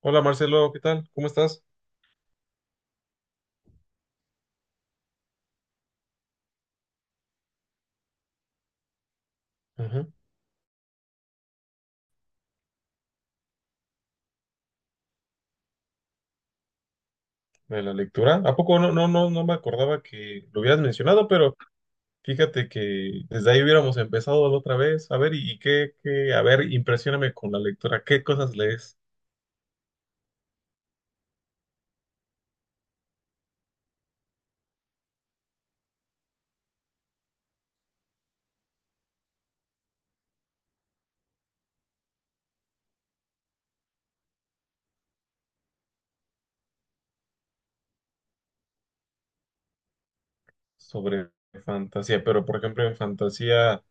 Hola Marcelo, ¿qué tal? ¿Cómo estás? Ujú. De la lectura. ¿A poco no me acordaba que lo hubieras mencionado, pero fíjate que desde ahí hubiéramos empezado la otra vez. A ver, y qué, a ver, impresióname con la lectura. ¿Qué cosas lees sobre fantasía? Pero, por ejemplo, en fantasía,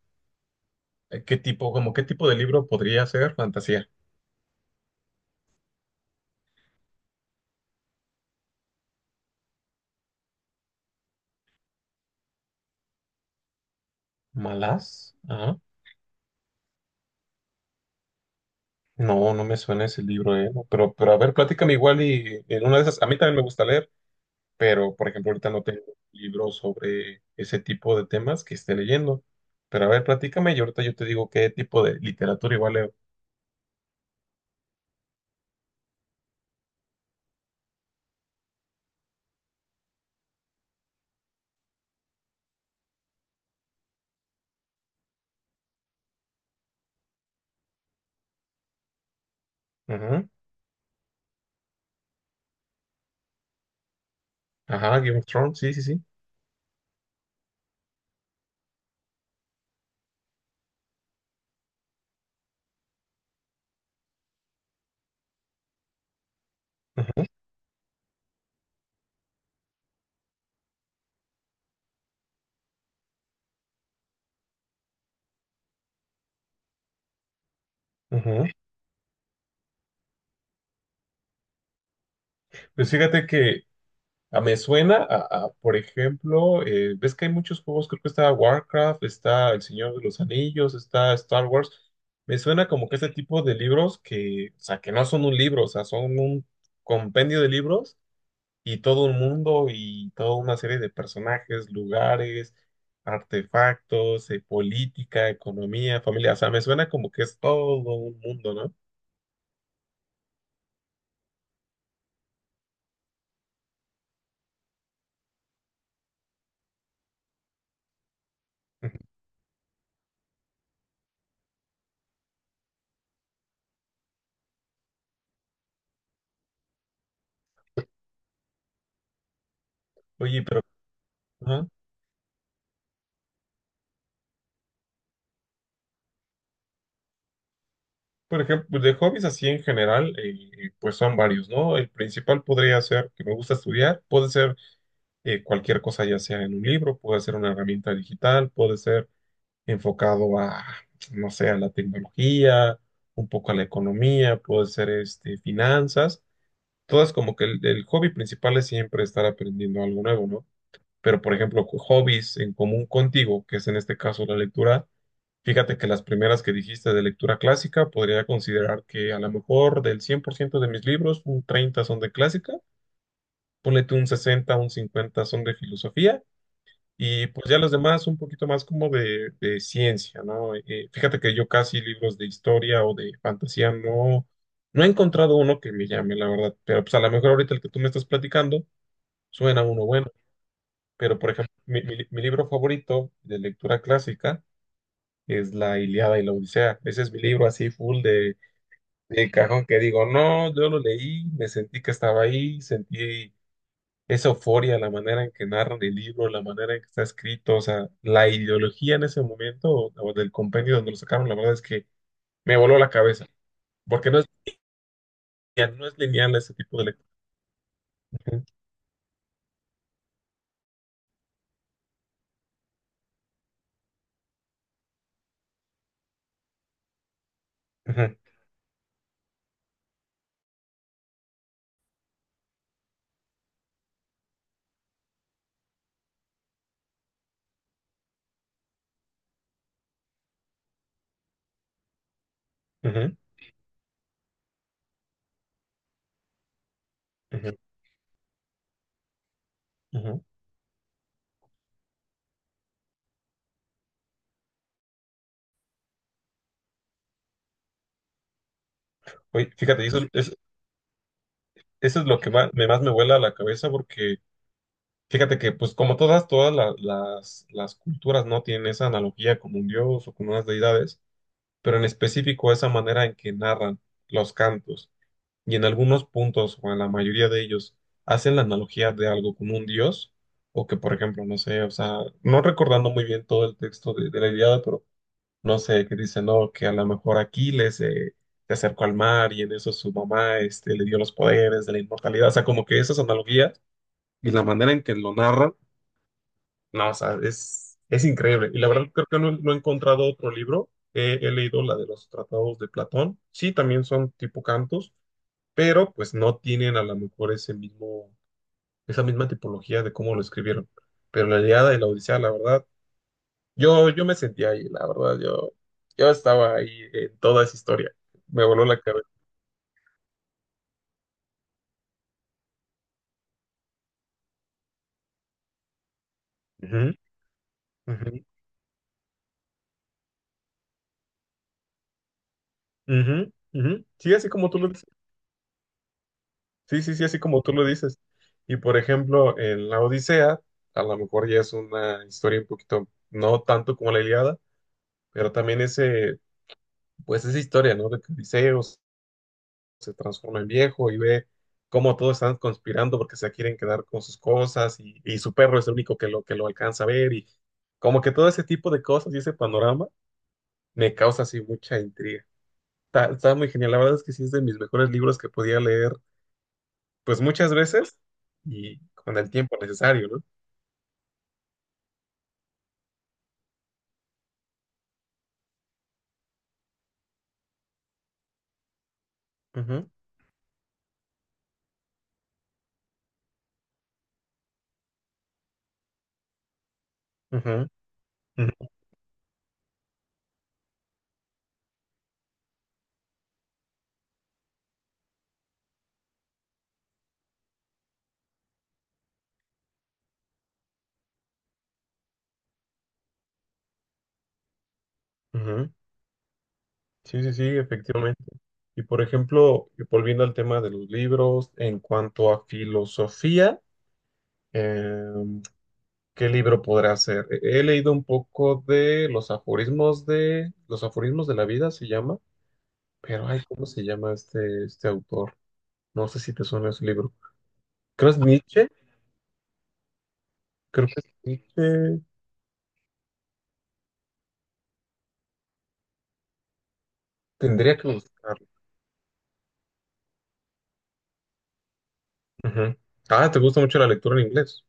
¿qué tipo, como qué tipo de libro podría ser fantasía? ¿Malas? Ajá. No, no me suena ese libro, No, pero a ver, platícame igual y en una de esas, a mí también me gusta leer. Pero por ejemplo ahorita no tengo libros sobre ese tipo de temas que esté leyendo. Pero a ver, platícame y ahorita yo te digo qué tipo de literatura igual leo. Ujú. Ajá, Game of Thrones, sí, sí, sí. Ujú, ujú. Pues fíjate que me suena a, por ejemplo, ves que hay muchos juegos, creo que está Warcraft, está El Señor de los Anillos, está Star Wars. Me suena como que este tipo de libros que, o sea, que no son un libro, o sea, son un compendio de libros y todo un mundo y toda una serie de personajes, lugares, artefactos, política, economía, familia. O sea, me suena como que es todo un mundo, ¿no? Ujú. Oye, pero, ajá. Por ejemplo, pues, de hobbies así en general, pues son varios, ¿no? El principal podría ser que me gusta estudiar, puede ser cualquier cosa, ya sea en un libro, puede ser una herramienta digital, puede ser enfocado a, no sé, a la tecnología, un poco a la economía, puede ser este, finanzas. Todas como que el hobby principal es siempre estar aprendiendo algo nuevo, ¿no? Pero, por ejemplo, hobbies en común contigo, que es en este caso la lectura, fíjate que las primeras que dijiste de lectura clásica, podría considerar que a lo mejor del 100% de mis libros, un 30 son de clásica, ponle tú un 60, un 50 son de filosofía y pues ya los demás un poquito más como de ciencia, ¿no? Fíjate que yo casi libros de historia o de fantasía no, no he encontrado uno que me llame, la verdad. Pero pues a lo mejor ahorita el que tú me estás platicando suena uno bueno. Pero por ejemplo, mi libro favorito de lectura clásica es La Ilíada y la Odisea. Ese es mi libro así full de cajón que digo, no, yo lo leí, me sentí que estaba ahí, sentí esa euforia, la manera en que narran el libro, la manera en que está escrito, o sea, la ideología en ese momento o del compendio donde lo sacaron, la verdad es que me voló la cabeza, porque no es lineal, no es lineal ese tipo de lectura. Ujú, ujú, ujú, ujú. Oye, fíjate, eso es lo que más me vuela la cabeza porque fíjate que pues como todas, todas las culturas no tienen esa analogía con un dios o con unas deidades, pero en específico esa manera en que narran los cantos y en algunos puntos o en la mayoría de ellos hacen la analogía de algo como un dios, o que por ejemplo, no sé, o sea, no recordando muy bien todo el texto de la Ilíada, pero no sé, que dice, no, que a lo mejor Aquiles se acercó al mar y en eso su mamá este, le dio los poderes de la inmortalidad, o sea, como que esas analogías y la manera en que lo narran, no, o sea, es increíble. Y la verdad creo que no, no he encontrado otro libro. He, he leído la de los tratados de Platón. Sí, también son tipo cantos, pero pues no tienen a lo mejor ese mismo, esa misma tipología de cómo lo escribieron. Pero la Ilíada y la Odisea, la verdad, yo me sentía ahí, la verdad, yo estaba ahí en toda esa historia. Me voló la cabeza. Ujú, ujú, ujú, ujú. Sí, así como tú lo dices. Sí, sí, sí, así como tú lo dices. Y por ejemplo, en la Odisea, a lo mejor ya es una historia un poquito, no tanto como la Ilíada, pero también ese, pues esa historia, ¿no? De que Odiseo se transforma en viejo y ve cómo todos están conspirando porque se quieren quedar con sus cosas y su perro es el único que lo alcanza a ver y como que todo ese tipo de cosas y ese panorama me causa así mucha intriga. Está, está muy genial, la verdad es que sí es de mis mejores libros que podía leer pues muchas veces y con el tiempo necesario, ¿no? Ujú, ujú, ujú, ujú. Sí, sí, sí, efectivamente. Y por ejemplo, volviendo al tema de los libros, en cuanto a filosofía, em, ¿qué libro podrá ser? He leído un poco de los aforismos de los aforismos de la vida, se llama, pero ay, ¿cómo se llama este, este autor? No sé si te suena ese libro. Creo es Nietzsche, creo que es Nietzsche. Tendría que buscarlo. Ujú. Ah, ¿te gusta mucho la lectura en inglés?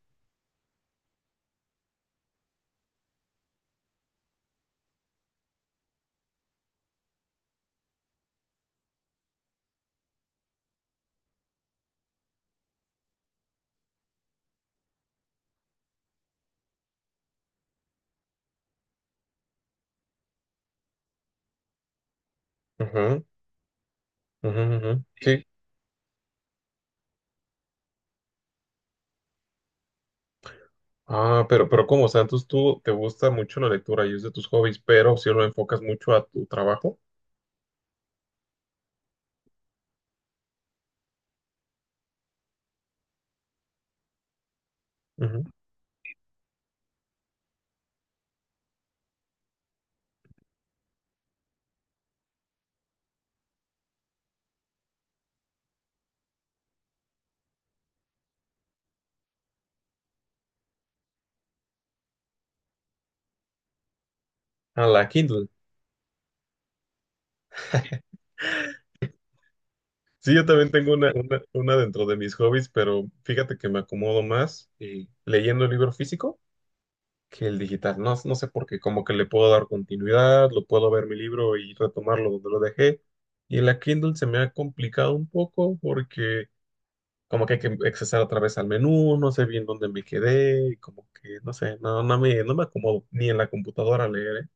Ujú, ujú, ujú. Sí. Ah, pero ¿cómo? O sea, entonces tú te gusta mucho la lectura y es de tus hobbies, pero si lo enfocas mucho a tu trabajo, ujú. A la Kindle. Sí, yo también tengo una, una dentro de mis hobbies, pero fíjate que me acomodo más leyendo el libro físico que el digital. No, no sé por qué, como que le puedo dar continuidad, lo puedo ver mi libro y retomarlo donde lo dejé. Y en la Kindle se me ha complicado un poco porque como que hay que accesar otra vez al menú, no sé bien dónde me quedé, y como que no sé, no me acomodo ni en la computadora a leer,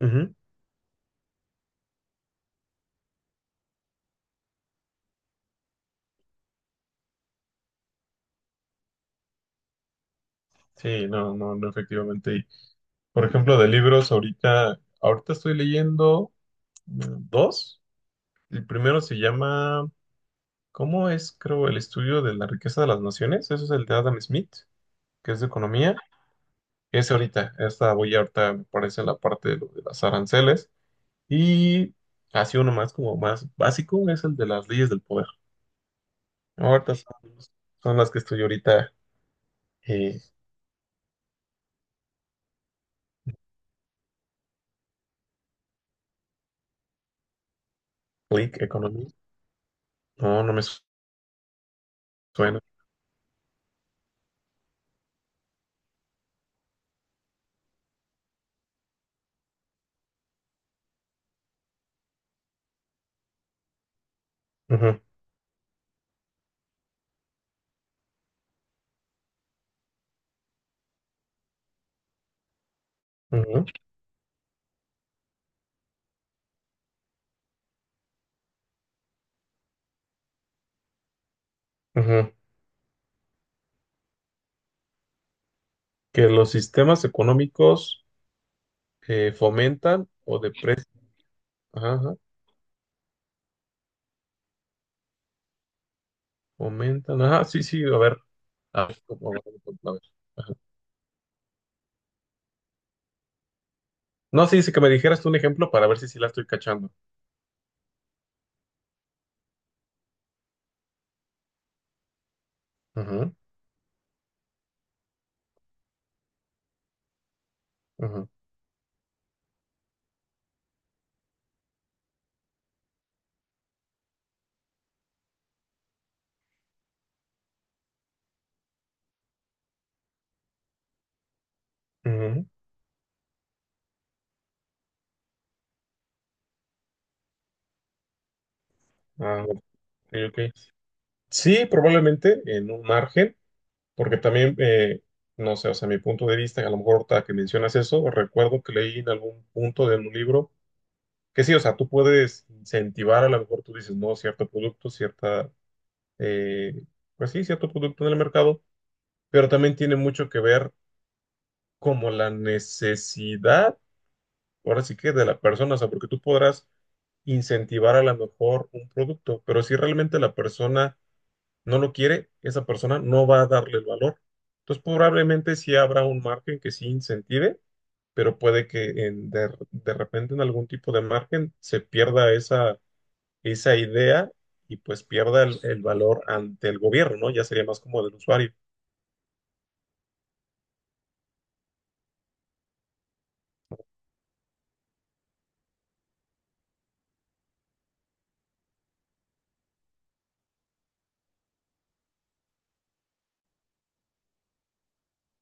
¿eh? Ujú. Sí, no, no, no, efectivamente. Y, por ejemplo, de libros, ahorita estoy leyendo. Dos. El primero se llama, ¿cómo es, creo, el estudio de la riqueza de las naciones? Eso es el de Adam Smith, que es de economía. Ese ahorita, esta voy ahorita, me parece, en la parte de, lo de las aranceles. Y así uno más, como más básico, es el de las leyes del poder. Ahorita son, son las que estoy eh, Click Economy. No, no me suena. Ujú, ujú, ujú. Que los sistemas económicos fomentan o deprecian. Comentan. Ajá, sí, sí, a ver. A ver, ¿cómo va? A ver. Ajá. No, sí, sí, que me dijeras tú un ejemplo para ver si sí la estoy cachando. Ajá, ajá, ajá. Ah, ok, ok. Sí, probablemente en un margen, porque también, no sé, o sea, mi punto de vista, a lo mejor ahorita que mencionas eso, recuerdo que leí en algún punto de un libro que sí, o sea, tú puedes incentivar, a lo mejor tú dices, no, cierto producto, cierta, eh, pues sí, cierto producto en el mercado, pero también tiene mucho que ver como la necesidad, ahora sí que de la persona, o sea, porque tú podrás incentivar a lo mejor un producto, pero si realmente la persona no lo quiere, esa persona no va a darle el valor. Entonces, probablemente sí habrá un margen que sí incentive, pero puede que de repente en algún tipo de margen se pierda esa, esa idea y pues pierda el valor ante el gobierno, ¿no? Ya sería más como del usuario.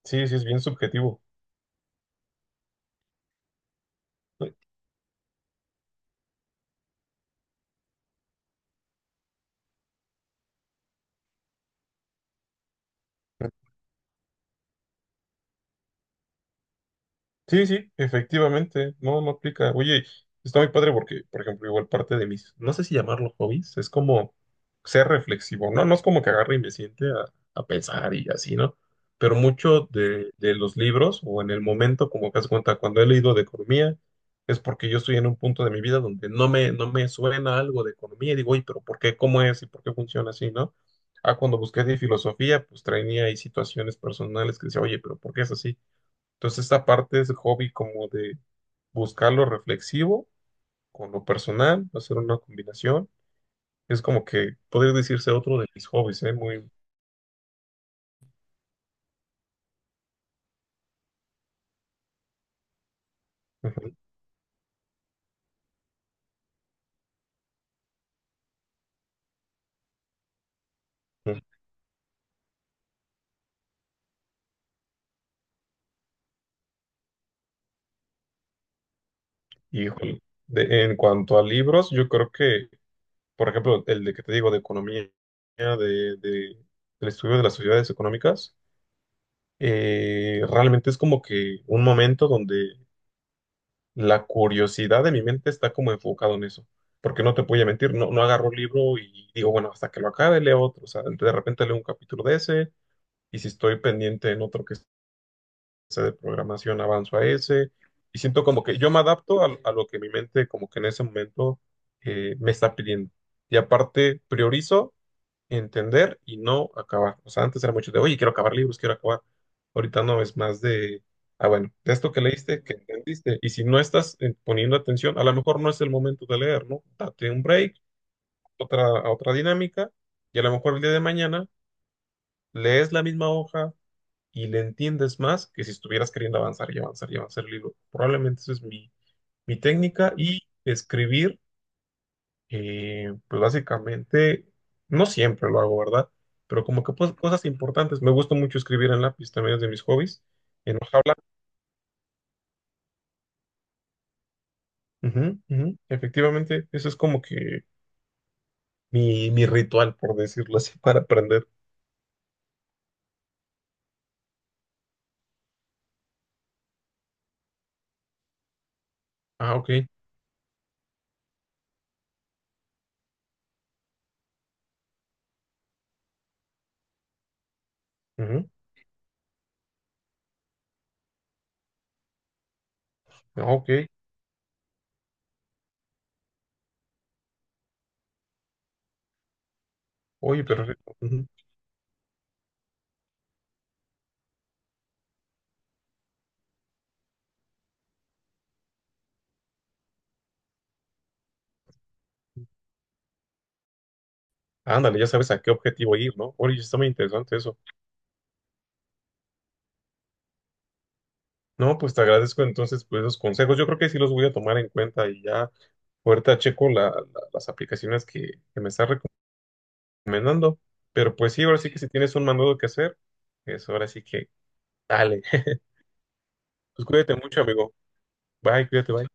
Sí, sí, es bien subjetivo. Sí, sí, efectivamente, no, no aplica. Oye, está muy padre porque, por ejemplo, igual parte de mis, no sé si llamarlo hobbies, es como ser reflexivo, ¿no? No es como que agarre y me siente a pensar y así, ¿no? Pero mucho de los libros o en el momento, como que das cuenta, cuando he leído de economía, es porque yo estoy en un punto de mi vida donde no me suena algo de economía y digo, oye, pero ¿por qué? ¿Cómo es? ¿Y por qué funciona así, ¿no? Ah, cuando busqué de filosofía, pues traía ahí situaciones personales que decía, oye, pero ¿por qué es así? Entonces, esta parte es hobby como de buscar lo reflexivo con lo personal, hacer una combinación. Es como que podría decirse otro de mis hobbies, ¿eh? Muy... ujú, ujú. Híjole. En cuanto a libros, yo creo que, por ejemplo, el de que te digo de economía, de, de- del estudio de las sociedades económicas, realmente es como que un momento donde la curiosidad de mi mente está como enfocado en eso. Porque no te voy a mentir, no, no agarro un libro y digo, bueno, hasta que lo acabe, leo otro. O sea, de repente leo un capítulo de ese, y si estoy pendiente en otro que sea de programación, avanzo a ese. Y siento como que yo me adapto a lo que mi mente como que en ese momento me está pidiendo. Y aparte, priorizo entender y no acabar. O sea, antes era mucho de, oye, quiero acabar libros, quiero acabar. Ahorita no, es más de, ah, bueno, de esto que leíste, que entendiste. Y si no estás poniendo atención, a lo mejor no es el momento de leer, ¿no? Date un break, otra, a otra dinámica, y a lo mejor el día de mañana lees la misma hoja y le entiendes más que si estuvieras queriendo avanzar y avanzar y avanzar el libro. Probablemente esa es mi, mi técnica y escribir pues básicamente, no siempre lo hago, ¿verdad? Pero como que pues, cosas importantes. Me gusta mucho escribir en lápiz, también es de mis hobbies, en hoja blanca. Ujú, ujú. Efectivamente, eso es como que mi ritual, por decirlo así, para aprender. Ah, ok. Ujú, ah, ok. Oye, perfecto. Ujú. Ándale, ya sabes a qué objetivo ir, ¿no? Oye, está muy interesante eso. No, pues te agradezco entonces pues, esos consejos. Yo creo que sí los voy a tomar en cuenta y ya ahorita checo las aplicaciones que me estás recomendando. Pero pues sí, ahora sí que si tienes un mandado que hacer, es ahora sí que dale. Pues cuídate mucho, amigo. Bye, cuídate, bye.